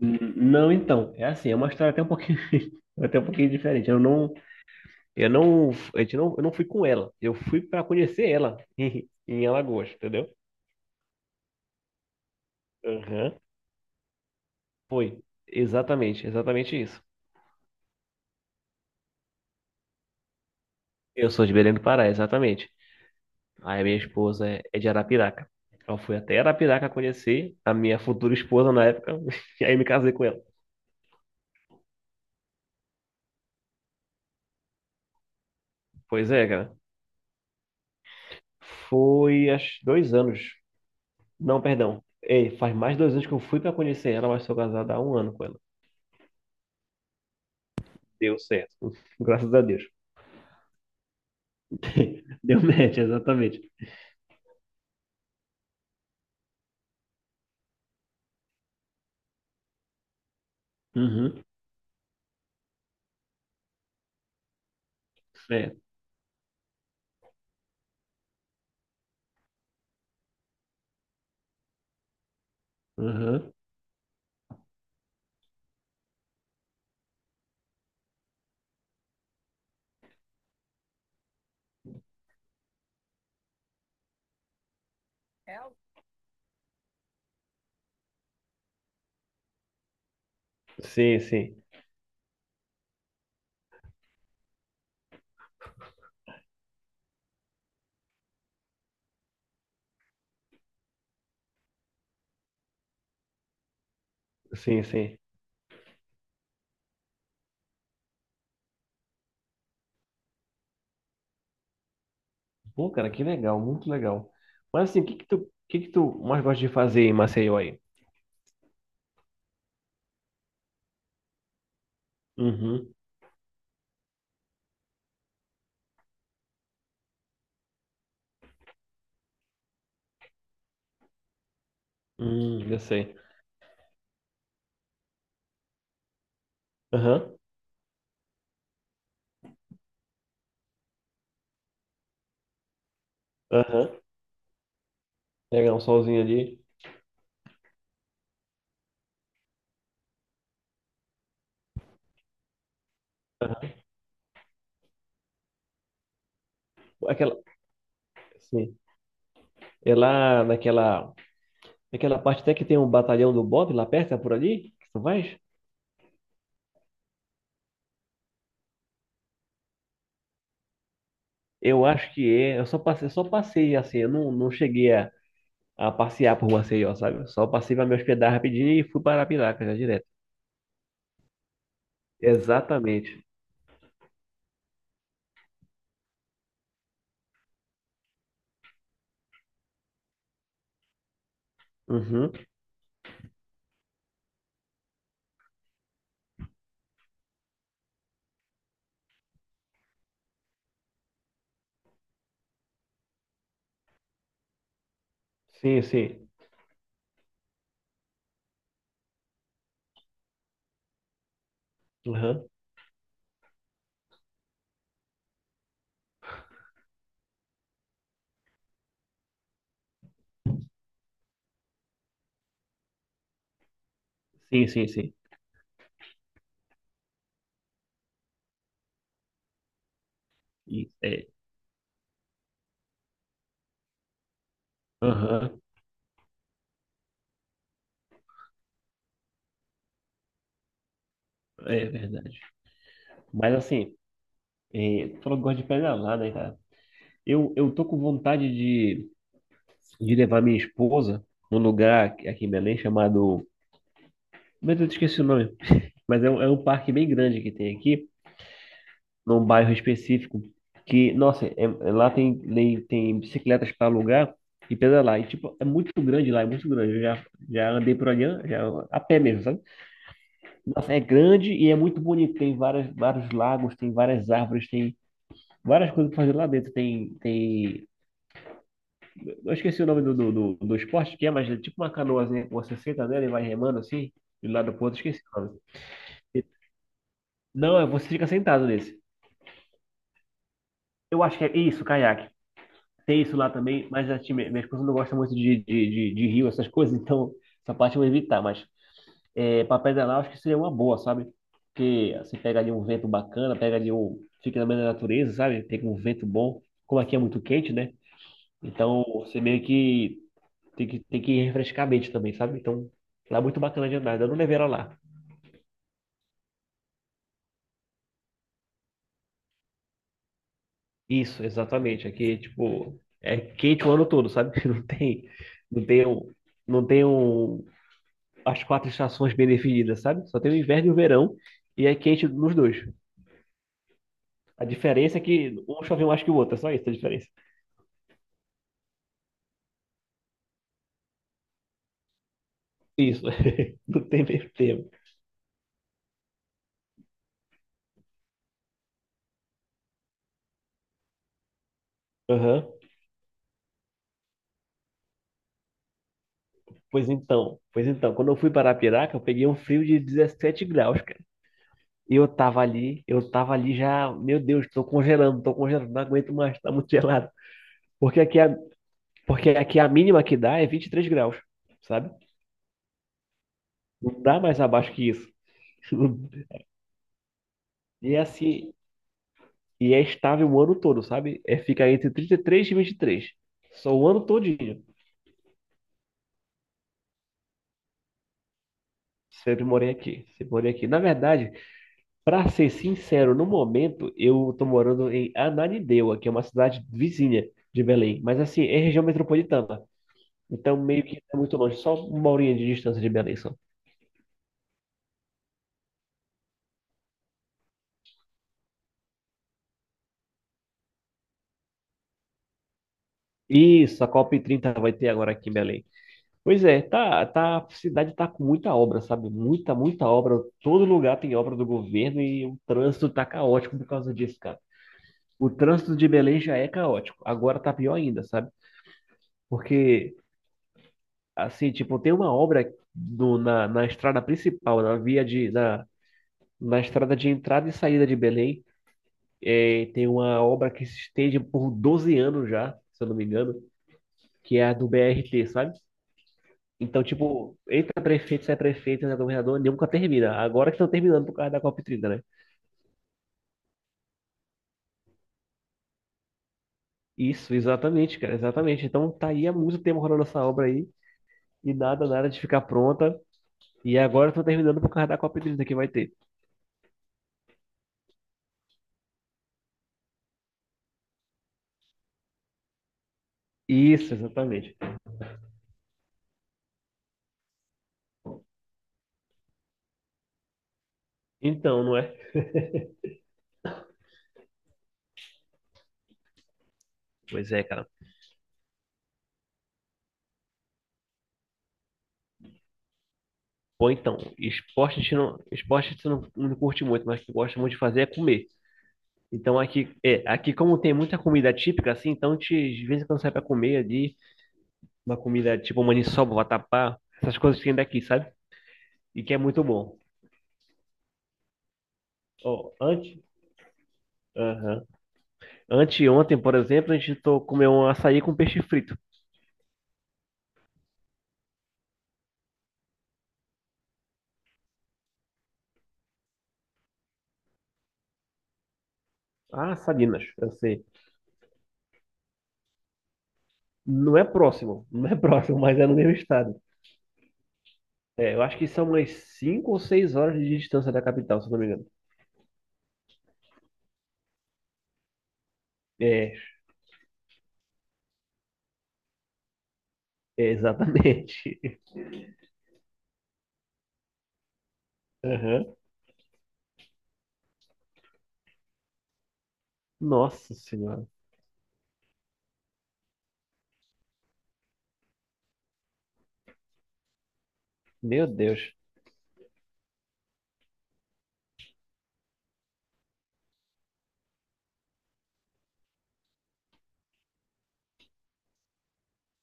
Não, então, é assim, é uma história até um pouquinho, até um pouquinho diferente. Eu não, a gente não, Eu não fui com ela. Eu fui para conhecer ela em Alagoas, entendeu? Aham. Foi, exatamente, exatamente isso. Eu sou de Belém do Pará, exatamente. Aí a minha esposa é de Arapiraca. Eu fui até Arapiraca conhecer a minha futura esposa na época, e aí me casei com ela. Pois é, cara. Foi há 2 anos. Não, perdão. Ei, faz mais de 2 anos que eu fui para conhecer ela, mas sou casado há um ano com ela. Deu certo. Graças a Deus. Deu match, exatamente. Uhum. É. Uhum. É o- Sim, sim. Sim, sim. Pô, cara, que legal, muito legal. Mas assim, o que que tu mais gosta de fazer em Maceió aí? Uhum. Eu sei. Aham. Aham. Pegar um solzinho ali. Aham. Aquela, sim. É lá naquela parte até que tem um batalhão do Bob lá perto, é por ali que tu vais? Eu acho que é. Só passei assim, eu não, não cheguei a passear por Maceió, sabe? Só passei pra me hospedar rapidinho e fui para Arapiraca já direto. Exatamente. Uhum. Sim, sim. Uhum. Sim, sim, sim. Isso, é. Uhum. É verdade. Mas assim, é, tu falou que gosta de pedalar, né, cara? Eu tô com vontade de levar minha esposa num lugar aqui em Belém chamado. Mas eu esqueci o nome. Mas é um parque bem grande que tem aqui. Num bairro específico que, nossa, lá tem bicicletas para alugar e pedalar. E, tipo, é muito grande lá, é muito grande. Eu já andei por ali, já, a pé mesmo, sabe? Nossa, é grande e é muito bonito. Tem várias, vários lagos, tem várias árvores, tem várias coisas para fazer lá dentro. Tem... Eu esqueci o nome do esporte que é, mas é tipo uma canoazinha que você senta nela e vai remando assim, de um lado pro outro, esqueci o nome. Não, você fica sentado nesse. Eu acho que é isso, caiaque. Tem isso lá também, mas a minha esposa não gosta muito de rio, essas coisas, então essa parte eu vou evitar. Mas é, para pedalar, eu acho que seria uma boa, sabe? Porque você pega ali um vento bacana, pega ali um. Fica na meio da natureza, sabe? Pega um vento bom. Como aqui é muito quente, né? Então você meio que tem que refrescar a mente também, sabe? Então lá é muito bacana de andar. Eu não levei ela lá. Isso, exatamente. Aqui, tipo, é quente o ano todo, sabe? Não tem um, não tem as quatro estações bem definidas, sabe? Só tem o inverno e o verão, e é quente nos dois. A diferença é que um chove mais que o outro, é só isso a diferença. Isso, não tem meio termo. Aham. Pois então, quando eu fui para Arapiraca, eu peguei um frio de 17 graus, cara. E eu tava ali já, meu Deus, tô congelando, não aguento mais, tá muito gelado. Porque aqui a, porque aqui a mínima que dá é 23 graus, sabe? Não dá mais abaixo que isso. E assim, e é estável o ano todo, sabe? É, fica entre 33 e 23, só o ano todinho. Sempre morei aqui. Sempre morei aqui. Na verdade, pra ser sincero, no momento eu tô morando em Ananindeua, que é uma cidade vizinha de Belém. Mas assim, é região metropolitana. Então meio que não é muito longe. Só uma horinha de distância de Belém só. Isso, a COP30 vai ter agora aqui em Belém. Pois é, tá, a cidade tá com muita obra, sabe? Muita, muita obra. Todo lugar tem obra do governo e o trânsito tá caótico por causa disso, cara. O trânsito de Belém já é caótico. Agora tá pior ainda, sabe? Porque, assim, tipo, tem uma obra na, na estrada principal, na via de, na estrada de entrada e saída de Belém. É, tem uma obra que se estende por 12 anos já, se eu não me engano, que é a do BRT, sabe? Então, tipo, entra prefeito, sai prefeito, entra governador, nunca termina. Agora que estão terminando por causa da COP30, né? Isso, exatamente, cara, exatamente. Então tá aí há muito tempo rolando essa obra aí e nada, nada de ficar pronta. E agora eu tô terminando por causa da Copa Hídrica que vai ter. Isso, exatamente. Então, não é? Pois é, cara. Pô, então, esporte a gente não curte muito, mas o que gosta muito de fazer é comer. Então aqui como tem muita comida típica, assim, então de vez em quando sai pra comer ali, uma comida tipo maniçoba, vatapá, essas coisas que tem daqui, sabe? E que é muito bom. Ó, antes, aham. Anteontem, por exemplo, a gente comeu um açaí com peixe frito. Ah, Salinas, eu sei. Não é próximo, não é próximo, mas é no mesmo estado. É, eu acho que são umas 5 ou 6 horas de distância da capital, se eu não me engano. É, é exatamente. Aham. Nossa Senhora. Meu Deus.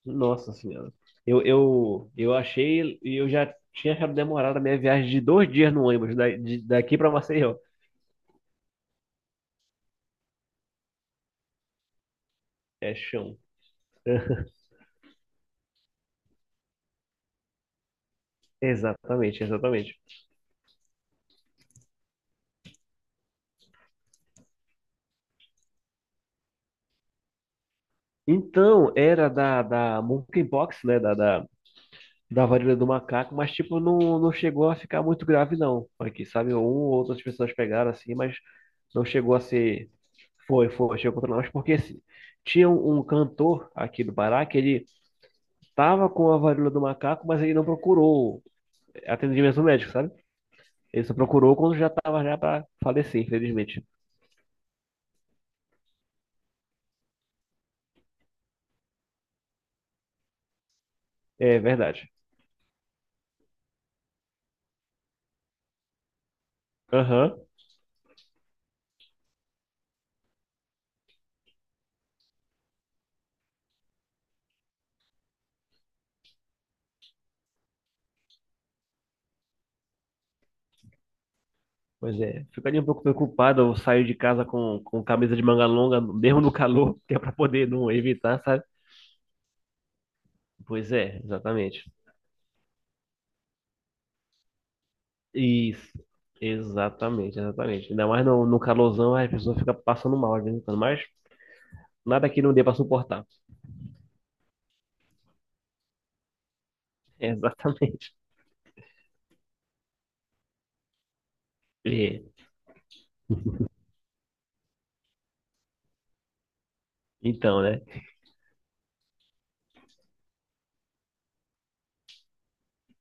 Nossa Senhora. Eu achei, e eu já tinha achado demorado a minha viagem de 2 dias no ônibus, daqui para Maceió. É chão. Exatamente, exatamente. Então, era da Monkeypox, né? Da varíola do macaco, mas tipo, não, não chegou a ficar muito grave, não. Aqui, sabe? Um ou outras pessoas pegaram assim, mas não chegou a ser. Foi, chegou contra nós, porque assim, tinha um cantor aqui do Pará que ele tava com a varíola do macaco, mas ele não procurou atendimento médico, sabe? Ele só procurou quando já tava já para falecer, infelizmente. É verdade. Aham. Pois é, ficaria um pouco preocupado eu sair de casa com camisa de manga longa, mesmo no calor, que é para poder não evitar, sabe? Pois é, exatamente. Isso, exatamente, exatamente. Ainda mais no calorzão, a pessoa fica passando mal às vezes, em quando, mas nada que não dê para suportar. Exatamente. É, então, né?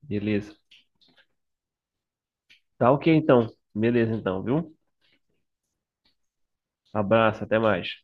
Beleza. Tá ok, então. Beleza, então, viu? Abraço, até mais.